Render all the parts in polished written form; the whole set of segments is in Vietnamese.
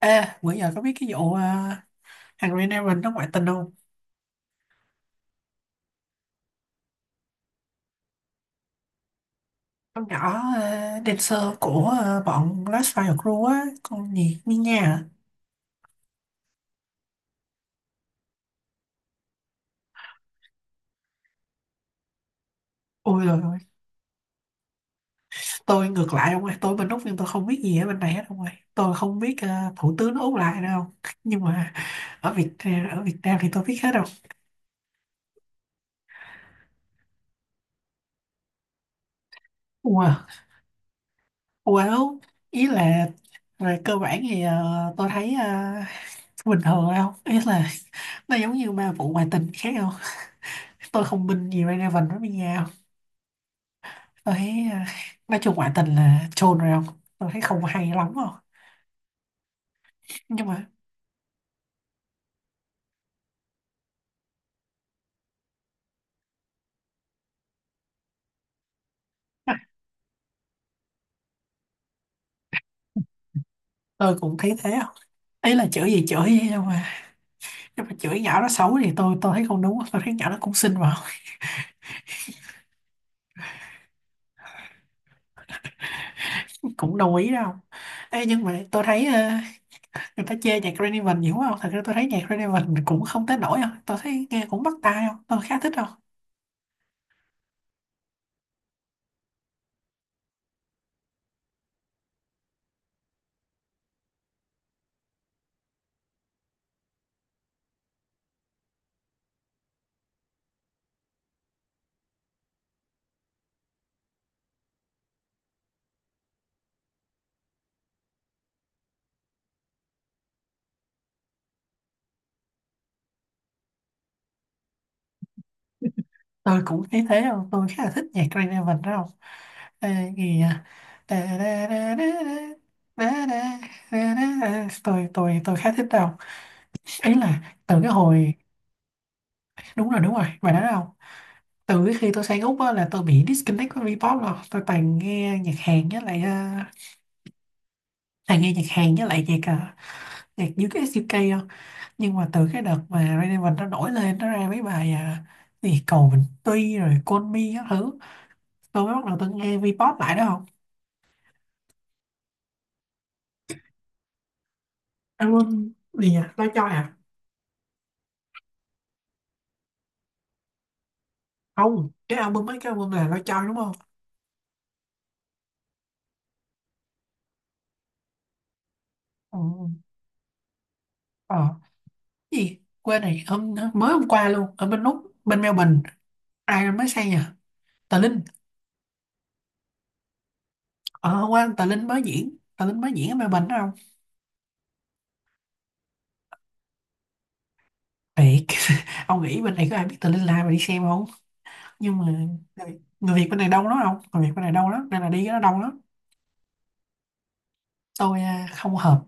Ê, bữa giờ có biết cái vụ Henry Nevin nó ngoại tình không? Con nhỏ dancer của bọn Last Fire Crew á, con gì Mia à? Ôi rồi ôi, tôi ngược lại ông ơi, tôi bên Úc nhưng tôi không biết gì ở bên này hết ông ơi. Tôi không biết thủ tướng Úc lại đâu. Nhưng mà ở Việt ờ, ở Việt Nam thì tôi biết hết đâu. Wow, wow, ý là về cơ bản thì tôi thấy bình thường thôi không? Ý là nó giống như ba vụ ngoại tình khác không? Tôi không binh gì Ray Raven với Mia. Thấy à, nói chung ngoại tình là chôn rồi không? Tôi thấy không hay lắm không? Nhưng mà à, tôi cũng thấy thế không? Ấy là chửi gì chửi vậy đâu mà. Nhưng mà chửi nhỏ nó xấu thì tôi thấy không đúng. Tôi thấy nhỏ nó cũng xinh mà. Cũng đồng ý đâu. Ê, nhưng mà tôi thấy người ta chê nhạc Green Evan nhiều quá không? Thật ra tôi thấy nhạc Green Evan cũng không tới nổi không? Tôi thấy nghe cũng bắt tai không? Tôi khá thích không? Tôi cũng thấy thế không, tôi khá là thích nhạc Green Evan đó không. À, gì à? Đa, đa, đa, đa, đa, đa, đa, đa, đa. Tôi khá thích đâu. Ấy là từ cái hồi, đúng rồi, đúng rồi, bài đó đâu. Từ cái khi tôi sang Úc á, là tôi bị disconnect với Vpop rồi tôi toàn nghe nhạc Hàn với lại toàn nghe nhạc Hàn với lại nhạc nhạc US UK không. Nhưng mà từ cái đợt mà Red Evan nó nổi lên nó ra mấy bài gì cầu Bình Tuy rồi Call Me các thứ, tôi mới bắt đầu tôi nghe Vpop lại đó. Album gì nhỉ, Lo Choi à? Không, cái album, mấy cái album là Lo Choi đúng không? Ừ. ờ cái gì quên này, hôm mới hôm qua luôn, ở bên Úc bên Melbourne ai mới sang nhỉ? Tà Linh. Ờ Hôm qua Tà Linh mới diễn, Tà Linh mới diễn ở Melbourne đó không. Thiệt. Ông nghĩ bên này có ai biết Tà Linh là ai mà đi xem không? Nhưng mà người người Việt bên này đông lắm không, người Việt bên này đông lắm nên là đi cái nó đông lắm. Tôi không hợp.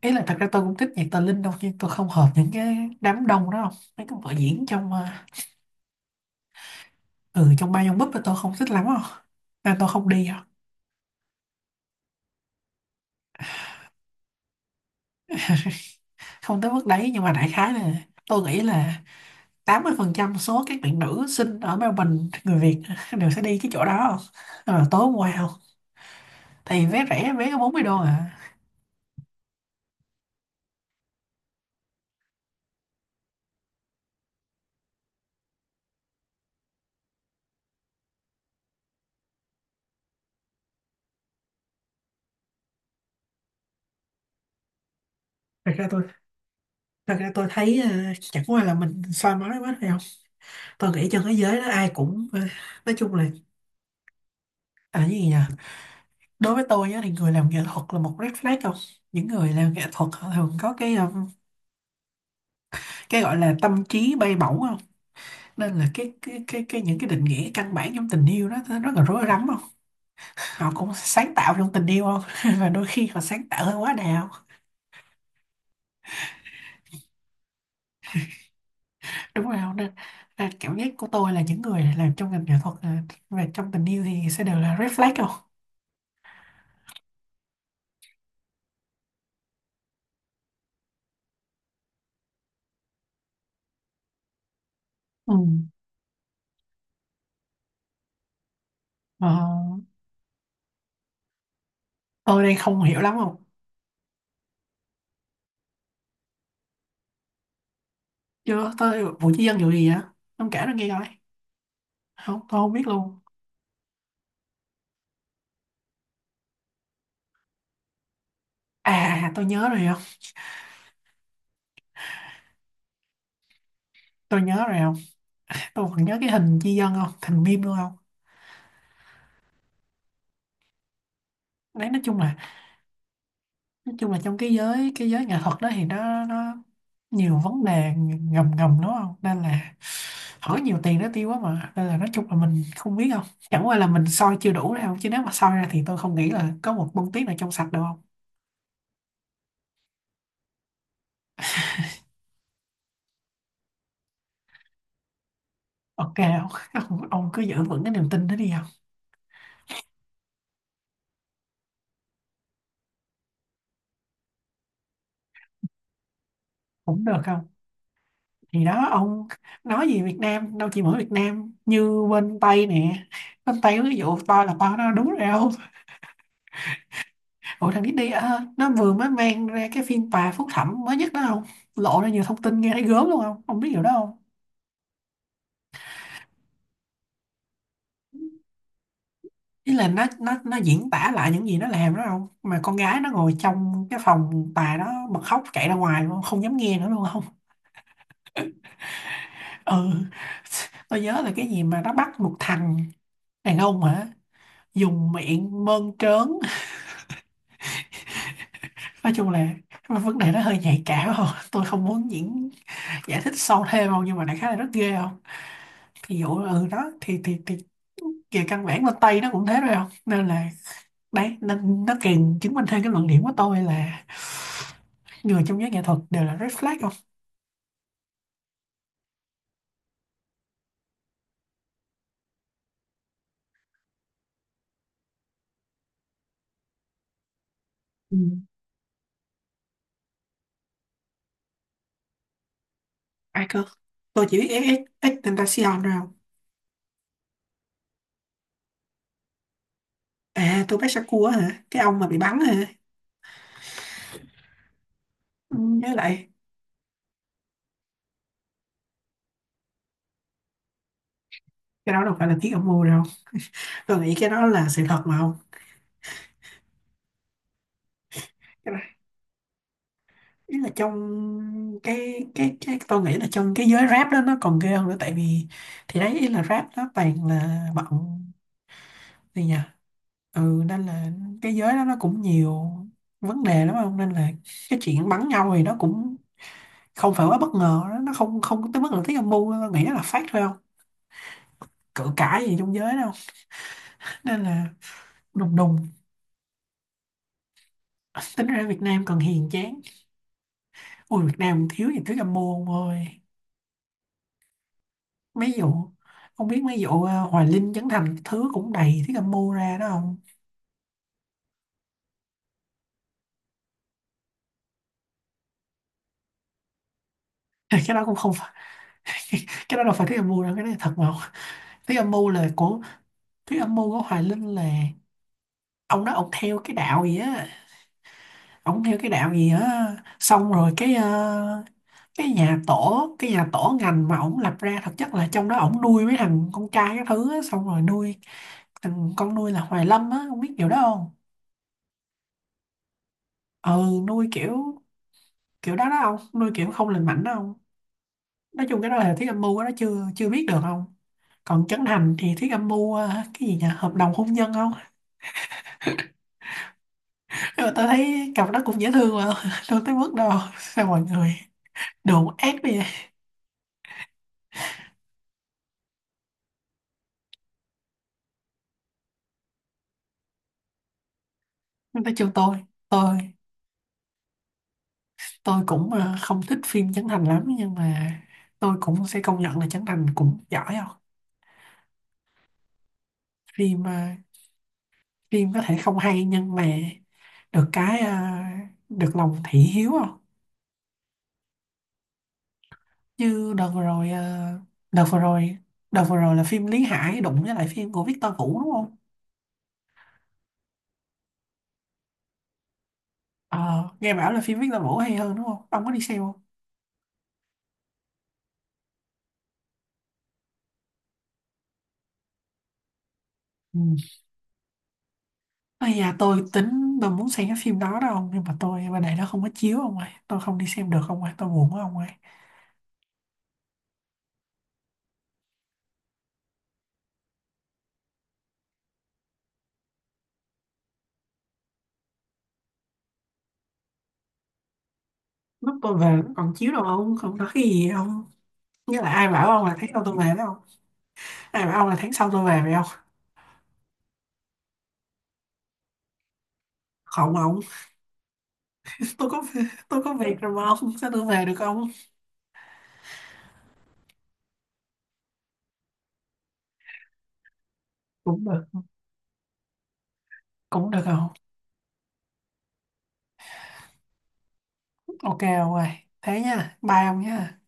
Ý là thật ra tôi cũng thích nhạc Tà Linh đâu nhưng tôi không hợp những cái đám đông đó không. Mấy cái vở diễn trong ừ, trong ba dòng búp là tôi không thích lắm không, nên tôi không đi đâu. Không tới mức đấy nhưng mà đại khái là tôi nghĩ là 80% số các bạn nữ sinh ở Melbourne, người Việt, đều sẽ đi cái chỗ đó không. Ờ, tối hôm qua không thì vé rẻ, vé có 40 đô à. thật ra tôi Thật ra tôi thấy chẳng qua là mình soi mói quá thôi không. Tôi nghĩ trên thế giới đó ai cũng nói chung là, à cái gì nhỉ, đối với tôi á, thì người làm nghệ thuật là một red flag không. Những người làm nghệ thuật họ thường có cái cái gọi là tâm trí bay bổng không, nên là cái những cái định nghĩa căn bản trong tình yêu đó nó rất là rối rắm không. Họ cũng sáng tạo trong tình yêu không, và đôi khi họ sáng tạo hơi quá đà không. Đúng rồi không, nên là cảm giác của tôi là những người làm trong ngành nghệ thuật và trong tình yêu thì sẽ đều là red flag không. Ừ. Ờ, tôi đây không hiểu lắm không. Chưa, tôi vụ chi dân vụ gì vậy? Ông kể nó nghe coi. Không, tôi không biết luôn. À, à, à, tôi nhớ rồi không. Tôi nhớ rồi không, tôi còn nhớ cái hình chi dân không thành meme luôn không. Đấy, nói chung là trong cái giới nghệ thuật đó thì nó nhiều vấn đề ngầm ngầm đúng không, nên là hỏi nhiều tiền nó tiêu quá mà, nên là nói chung là mình không biết không. Chẳng qua là mình soi chưa đủ đâu chứ nếu mà soi ra thì tôi không nghĩ là có một bông tuyết nào trong sạch đâu không. Ok không. Ông cứ giữ vững cái niềm tin đó đi không. Cũng được không, thì đó ông, nói gì Việt Nam đâu chỉ mỗi Việt Nam, như bên Tây nè, bên Tây ví dụ to là to nó đúng rồi không. Ủa thằng Disney à, nó vừa mới mang ra cái phiên tòa phúc thẩm mới nhất đó không? Lộ ra nhiều thông tin nghe thấy gớm luôn không? Không biết điều đó không? Ý là nó diễn tả lại những gì nó làm đó không? Mà con gái nó ngồi trong cái phòng tòa đó bật khóc chạy ra ngoài luôn, không dám nghe nữa luôn không? Ừ. Tôi nhớ là cái gì mà nó bắt một thằng đàn ông hả? Dùng miệng mơn trớn. Nói chung là vấn đề nó hơi nhạy cảm không? Tôi không muốn giải thích sâu thêm không nhưng mà đại khái là rất ghê không? Ví dụ là ừ đó, thì về căn bản bên Tây nó cũng thế rồi không, nên là đấy, nên nó càng chứng minh thêm cái luận điểm của tôi là người trong giới nghệ thuật đều là red flag không. Ừ. Ai cơ? Tôi chỉ biết XX Tentacion thôi không. À, tôi biết Saku á hả, cái ông mà bị bắn hả? Ừ, với lại cái đó đâu phải là thuyết âm mưu đâu, tôi nghĩ cái đó là sự thật mà không. Cái đó, ý là trong cái tôi nghĩ là trong cái giới rap đó nó còn ghê hơn nữa, tại vì thì đấy, ý là rap nó toàn là bọn gì nhỉ, ừ nên là cái giới đó nó cũng nhiều vấn đề lắm không, nên là cái chuyện bắn nhau thì nó cũng không phải quá bất ngờ đó. Nó không không có tới mức là tiếng âm mưu đâu. Nghĩ nó là phát thôi không, cự cãi gì trong giới đâu, nên là đùng đùng, tính ra Việt Nam còn hiền chán. Ôi Việt Nam thiếu gì thứ âm mưu ông ơi. Mấy vụ, không biết mấy vụ Hoài Linh, Trấn Thành thứ cũng đầy thứ âm mưu ra đó không. Cái đó cũng không phải. Cái đó đâu phải thứ âm mưu đâu, cái đó là thật mà không? thứ âm mưu là của Thứ âm mưu của Hoài Linh là ông đó, ông theo cái đạo gì á, xong rồi cái cái nhà tổ ngành mà ông lập ra thực chất là trong đó ông nuôi mấy thằng con trai các thứ á, xong rồi nuôi thằng con nuôi là Hoài Lâm á, ông biết điều đó không. Ừ, nuôi kiểu, kiểu đó đó ông nuôi kiểu không lành mạnh đó ông. Nói chung cái đó là Thiết Âm Mưu á, nó chưa chưa biết được không. Còn Trấn Thành thì Thiết Âm Mưu cái gì nhỉ, hợp đồng hôn nhân không. Nhưng mà tôi thấy cặp đó cũng dễ thương mà, đâu tới mức đâu, sao mọi người đồn ác bây giờ. Nói chung tôi tôi cũng không thích phim Trấn Thành lắm nhưng mà tôi cũng sẽ công nhận là Trấn Thành cũng giỏi không. phim ờ, Phim có thể không hay nhưng mà được cái được lòng thị hiếu không. Như đợt vừa rồi đợt vừa rồi đợt vừa rồi là phim Lý Hải đụng với lại phim của Victor Vũ đúng không. Ờ, nghe bảo là phim Victor Vũ hay hơn đúng không, ông có đi xem không? Ừ. Ây da, tôi muốn xem cái phim đó đâu nhưng mà tôi bên này nó không có chiếu ông ơi, tôi không đi xem được ông ơi, tôi buồn quá ông ơi. Lúc tôi về nó còn chiếu đâu ông, không có cái gì ông. Nghĩa là ai bảo ông là tháng sau tôi về phải không? Ai bảo ông là tháng sau tôi về phải không? Không ông. tôi có tôi có việc rồi mà ông, sao tôi về được ông. Cũng được, cũng được không. Ok ông ơi, thế nha, bye ông nha.